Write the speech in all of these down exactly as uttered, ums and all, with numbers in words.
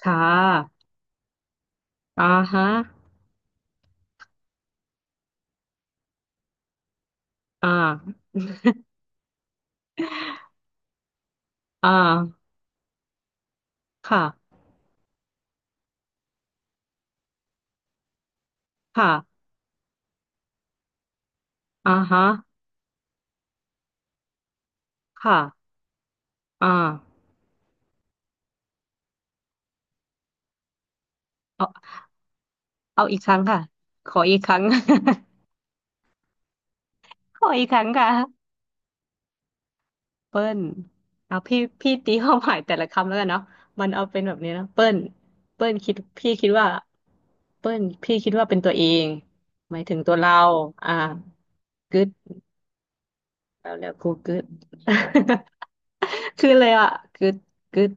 ค่ะอ่าฮะอ่าอ่าค่ะค่ะอ่าฮะค่ะอ่าเอาเอาอีกครั้งค่ะ ขออีกครั้ง ขออีกครั้งค่ะเปิ้ลเอาพี่พี่ตีความหมายแต่ละคำแล้วกันเนาะมันเอาเป็นแบบนี้นะเปิ้ลเปิ้ลคิดพี่คิดว่าเปิ้ลพี่คิดว่าเป็นตัวเองหมายถึงตัวเราอ่ากึดแล้วแล้วกูกึด คือเลยอ่ะกึดกึด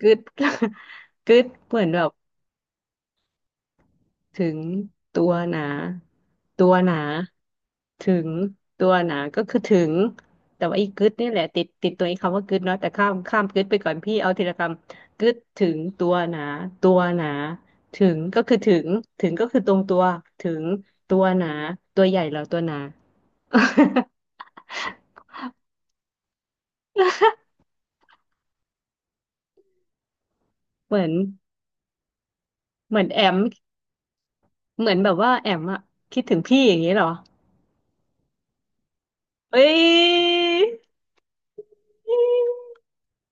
กึดกึด เหมือนแบบ ถึงตัวหนาตัวหนาถึงตัวหนาก็คือถึงแต่ว่าอีกกึดนี่แหละติดติดตัวไอ้คำว่ากึดเนาะแต่ข้ามข้ามกึดไปก่อนพี่เอาทีละคำกึดถึงตัวหนาตัวหนาถึงก็คือถึงถึงก็คือตรงตัวถึงตัวหนาตัวใหญ่เหรอตัวหนา เหมือนเหมือนแอมเหมือนแบบว่าแอมอะคิดถึงพี่อย่างนี้เหรอเอ้ย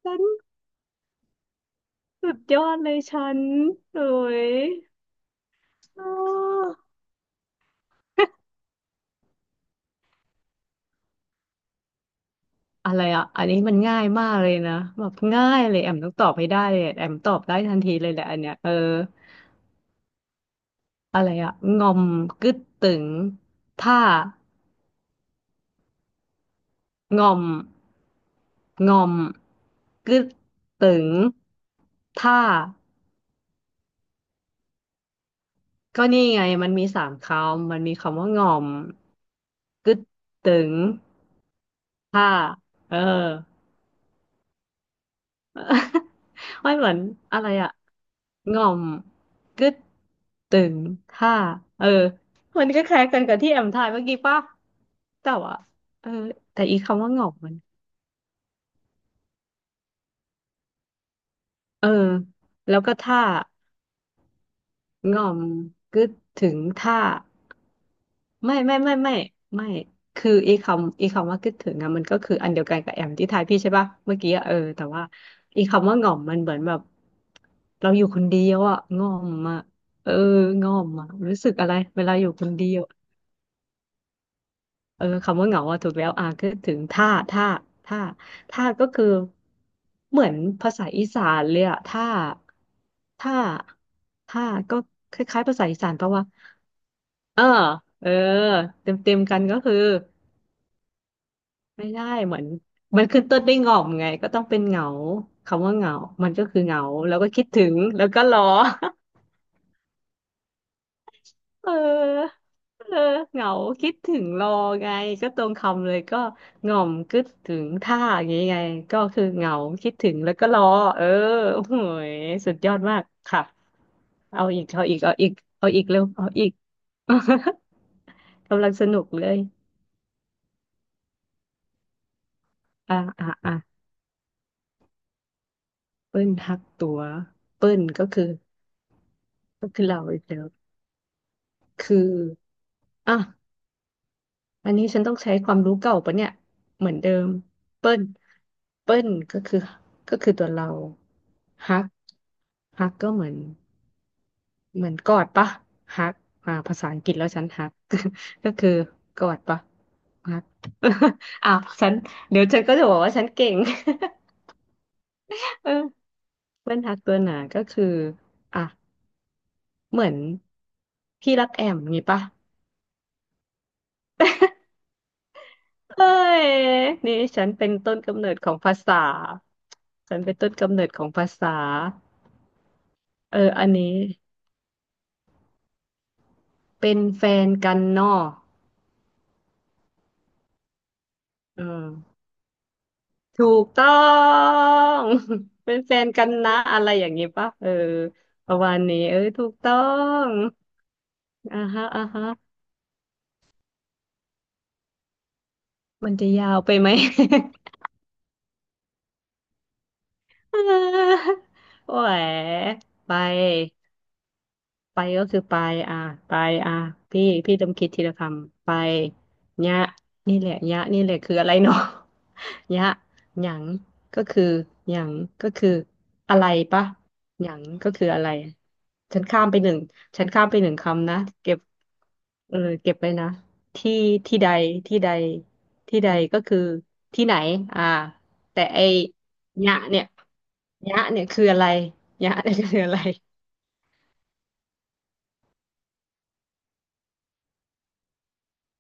ฉันสุดยอดเลยฉันโอ้ย เอออะไรอ่ะอันนี้มันง่ายมากเลยนะแบบง่ายเลยแอมต้องตอบให้ได้เลยแอมตอบได้ทันทีเลยแหละอันเนี้ยเอออะไรอ่ะงอมกึดตึงถ้างอมงอมกึดตึงถ้าก็นี่ไงมันมีสามคำมันมีคำว่างอมกึดตึงถ้าเออ ไม่เหมือนอะไรอะง่อมกึดตึงท่าเออ มันก็คล้ายกันกับที่แอมทายเมื่อกี้ป่ะแต่ว่า เออ แต่อีกคำว่าง่อมมันเออ แล้วก็ท่า ง่อมกึดถึงถ้าไม่ไม่ไม่ไม่ไม่คือไอีคำไอีคำว่าคิดถึงอะมันก็คืออันเดียวกันกับแอมที่ทายพี่ใช่ปะเมื่อกี้อะเออแต่ว่าไอีคำว่าง่อมมันเหมือนแบบเราอยู่คนเดียวอะง่อมอะเออง่อมอะรู้สึกอะไรเวลาอยู่คนเดียวเออคำว่าเหงาอะถูกแล้วอ่ะคิดถึงท่าท่าท่าท่าก็คือเหมือนภาษาอีสานเลยอะท่าท่าท่าก็คล้ายๆภาษาอีสานปะวะ เออเออเต็มเต็มกันก็คือไม่ได้เหมือนมันขึ้นต้นด้วยงอมไงก็ต้องเป็นเหงาคำว่าเหงามันก็คือเหงาแล้วก็คิดถึงแล้วก็รอ เออเออเหงาคิดถึงรอไงก็ตรงคำเลยก็หง่อมคิดถึงท่าอย่างงี้ไงก็คือเหงาคิดถึงแล้วก็รอเออโอ้โหยสุดยอดมากค่ะเอาอีกเอาอีกเอาอีกเอาอีกเร็วเอาอีก กำลังสนุกเลยอ่าอ่าอ่า เปิ้ลทักตัวเปิ้ลก็คือก็คือเราอีกแล้วคืออ่ะอันนี้ฉันต้องใช้ความรู้เก่าปะเนี่ยเหมือนเดิมเปิ้ลเปิ้ลก็คือก็คือตัวเราฮักฮักก็เหมือนเหมือนกอดปะฮักอ่าภาษาอังกฤษแล้วฉันฮัก ก็คือกอดปะฮัก อ้าวฉันเดี๋ยวฉันก็จะบอกว่าฉันเก่ง เออเปิ้ลฮักตัวหนาก็คืออ่ะเหมือนพี่รักแอมงี้ปะ เฮ้ยนี่ฉันเป็นต้นกำเนิดของภาษาฉันเป็นต้นกำเนิดของภาษาเอออันนี้เป็นแฟนกันเนอะอืมถูกต้อง เป็นแฟนกันนะอะไรอย่างงี้ปะเออประมาณนี้เออถูกต้องอ่าฮะอ่าฮะมันจะยาวไปไหม อ่าโอ้ย ไป ไปก็คือไปอ่ะไปอ่ะพี่พี่ต้องคิดทีละคำไปยะนี่แหละยะนี่แหละคืออะไรเนาะ ยะหยังก็คือหยังก็คืออะไรปะหยังก็คืออะไรฉันข้ามไปหนึ่งฉันข้ามไปหนึ่งคำนะเก็บเออเก็บไว้นะที่ที่ใดที่ใดที่ใดก็คือที่ไหนอ่าแต่ไอ้ยะเนี่ยยะเนี่ยคืออะไรยะเนี่ยคืออะไร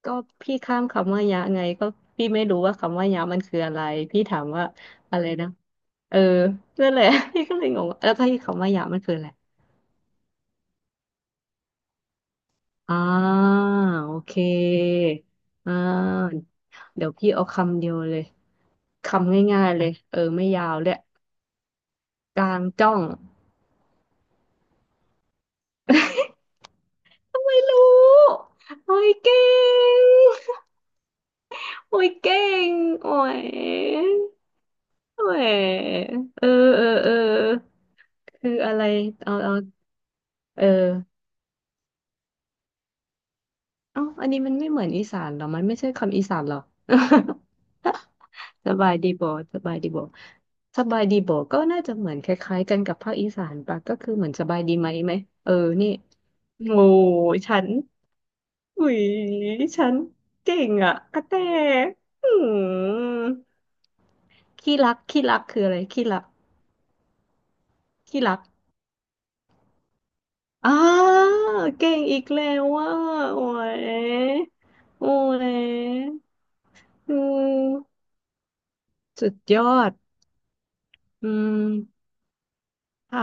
ก็พี่ข้ามคำว่ายะไงก็พี่ไม่รู้ว่าคำว่ายะมันคืออะไรพี่ถามว่าอะไรนะเออนั่นแหละ พี่ก็เลยงงว่าแล้วก็ที่คำว่ายะมันคืออะไรอ่าโอเคอ่าเดี๋ยวพี่เอาคำเดียวเลยคำง่ายๆเลยเออไม่ยาวเลยกลางจ้องไม่รู้โอ้ยเก่งโอ้ยเก่งโอ้ยโอ้ยเออเออเออคืออะไรเอาเอาเออ เอ้าอันนี้มันไม่เหมือนอีสานเหรอมันไม่ใช่คำอีสานเหรอ สบายดีบ่สบายดีบ่สบายดีบ่ก็น่าจะเหมือนคล้ายๆกันกับภาคอีสานปะก็คือเหมือนสบายดีไหมไหมเออนี่โง่ฉันอุยฉันเก่งอ่ะกระแตอืมขี้รักขี้รักคืออะไรขี้รักขี้รักอ้าเก่งอีกแล้วอ่ะโอ้ยโอ้ยอืมสุดยอดอืม ค่ะ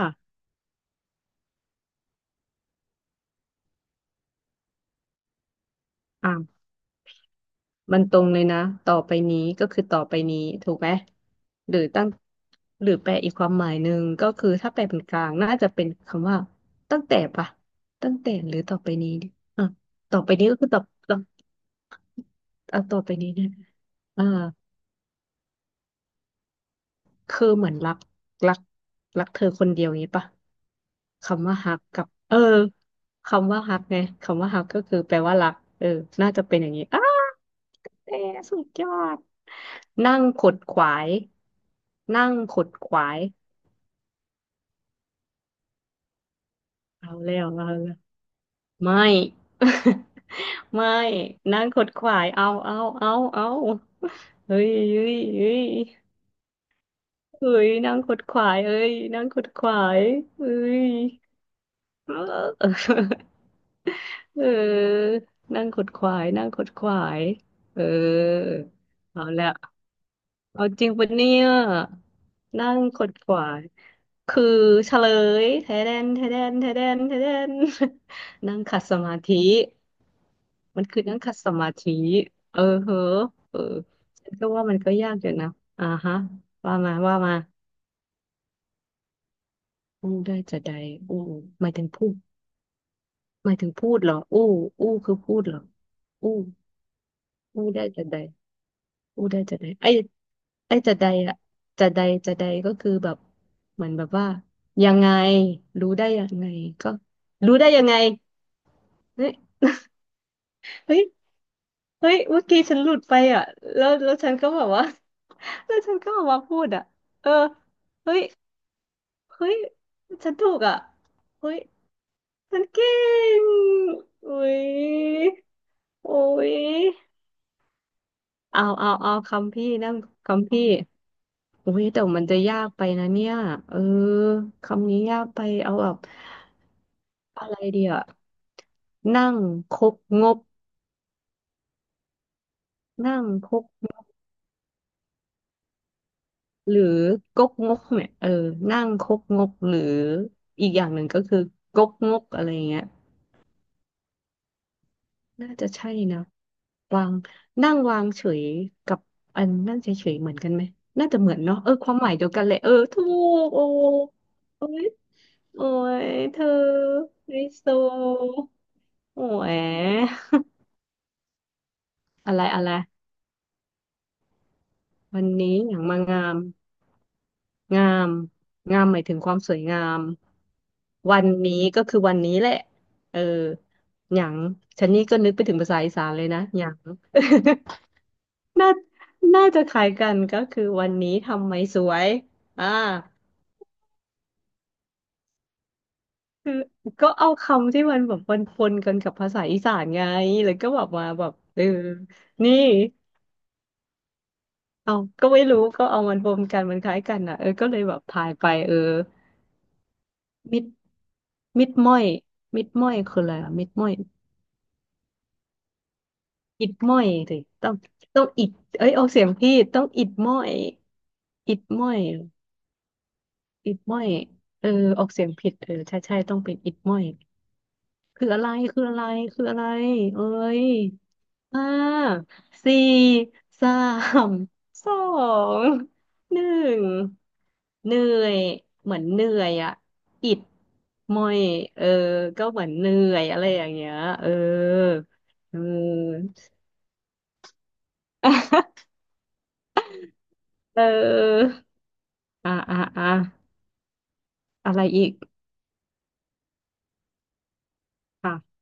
อ่ะมันตรงเลยนะต่อไปนี้ก็คือต่อไปนี้ถูกไหมหรือตั้งหรือแปลอีกความหมายหนึ่งก็คือถ้าแปลเป็นกลางน่าจะเป็นคำว่าตั้งแต่ปะตั้งแต่หรือต่อไปนี้ดิอ่ะต่อไปนี้ก็คือต่อต่อเอาต่อไปนี้นะอ่า คือเหมือนรักรักรักเธอคนเดียวนี้ปะคำว่าฮักกับเออคำว่าฮักไงคำว่าฮักก็คือแปลว่ารักเออน่าจะเป็นอย่างนี้อ้าเตสุดยอดนั่งขดขวายนั่งขดขวายเอาแล้วเอาแล้วไม่ ไม่นั่งขดขวายเอาเอาเอาเอาเฮ้ยเฮ้ยเฮ้ยเฮ้ยนั่งขดขวายเอ้ยนั่งขดขวายเฮ้ย เออ เออเอนั่งขดขวายนั่งขดขวายเออเอาละเอาจริงปะเนี่ยนั่งขดขวายคือเฉลยแทเดนแทเดนแทเดนแทเดน นั่งขัดสมาธิ มันคือนั่งขัดสมาธิ เออเหอะเออฉันก็ว่ามันก็ยากอยู่นะอ่าฮะว่ามาว่ามาอู้ได้จะใดอู้ไม่ถึงพูด หมายถึงพูดเหรออู้อู้คือพูดเหรออู้อู้ได้จะใดอู้ได้จะใดไอ้ไอ้จะใดอะจะใดจะใดก็คือแบบเหมือนแบบว่ายังไงรู้ได้ยังไงก็รู้ได้ยังไงเฮ้ยเฮ้ยเฮ้ยเมื่อกี้ฉันหลุดไปอ่ะแล้วแล้วฉันก็แบบว่า แล้วฉันก็ออกมาพูดอ่ะเออเฮ้ยเฮ้ยฉันถูกอ่ะเฮ้ยฉันเก่งอุ้ยโอ้ย เอาเอาเอาคำพี่นั่งคำพี่อุ้ยแต่มันจะยากไปนะเนี่ยเออคำนี้ยากไปเอาแบบอะไรเดียวนั่งคกงบนั่งคกงบหรือกกงกเนี่ยเออนั่งคกงกหรืออีกอย่างหนึ่งก็คือกกงกอะไรเงี้ยน่าจะใช่นะวางนั่งวางเฉยกับอันนั่งเฉยๆเหมือนกันไหมน่าจะเหมือนเนาะเออความหมายเดียวกันเลยเออถูกโอ้ โอ้ยเธอไฮโซโอ้ยอะไรอะไรวันนี้อย่างมางามงามงามหมายถึงความสวยงามวันนี้ก็คือวันนี้แหละเอออย่างฉันนี่ก็นึกไปถึงภาษาอีสานเลยนะอย่าง น่าน่าจะคล้ายกันก็คือวันนี้ทำไมสวยอ่าคือก็เอาคำที่มันแบบปนๆกันกับภาษาอีสานไงแล้วก็แบบมาแบบเออนี่ เอาก็ไม่รู้ก็เอามันรวมกันมันคล้ายกันอ่ะเออก็เลยแบบทายไปเออมิดมิดม้อยมิดม้อยคืออะไรอ่ะมิดม้อยอิดม้อยสิต้องต้องอิดเอ้ยออกเสียงผิดต้องอิดม้อยอิดม้อยอิดม้อยเออออกเสียงผิดเออใช่ใช่ต้องเป็นอิดม้อยคืออะไรคืออะไรคืออะไรเอ้ย ห้าสี่สามสองหนึ่งเหนื่อยเหมือนเหนื่อยอ่ะอิดมอยเออก็เหมือนเหนื่อยอะไรอย่างเงี้ยเออเออ เอออ่าอ่าอ่าอะไรอีกอ่ะ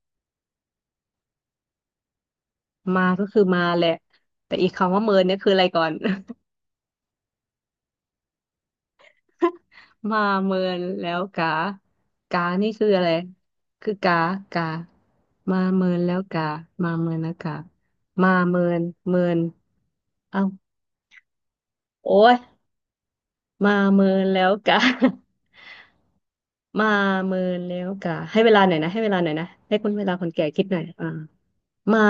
มาก็คือมาแหละแต่อีกคำว่าเมินเนี่ยคืออะไรก่อน มาเมินแล้วกากานี่คืออะไรคือกากามาเมินแล้วกามาเมินแล้วกามาเมินเมินเอ้าโอ้ยมาเมินแล้วกา มาเมินแล้วกาให้เวลาหน่อยนะให้เวลาหน่อยนะให้คุณเวลาคนแก่คิดหน่อยอ่ามา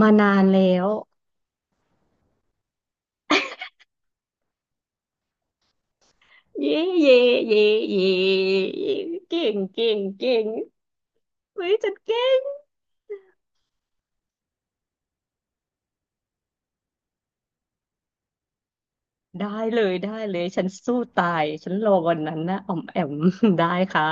มานานแล้วเย่เย่เย่เย่เย่เก่งเก่งเก่งเฮ้ยจัดเก่ง ได้เลยได้เลยฉันสู้ตายฉันรอวันนั้นนะอ่อมแอม ได้ค่ะ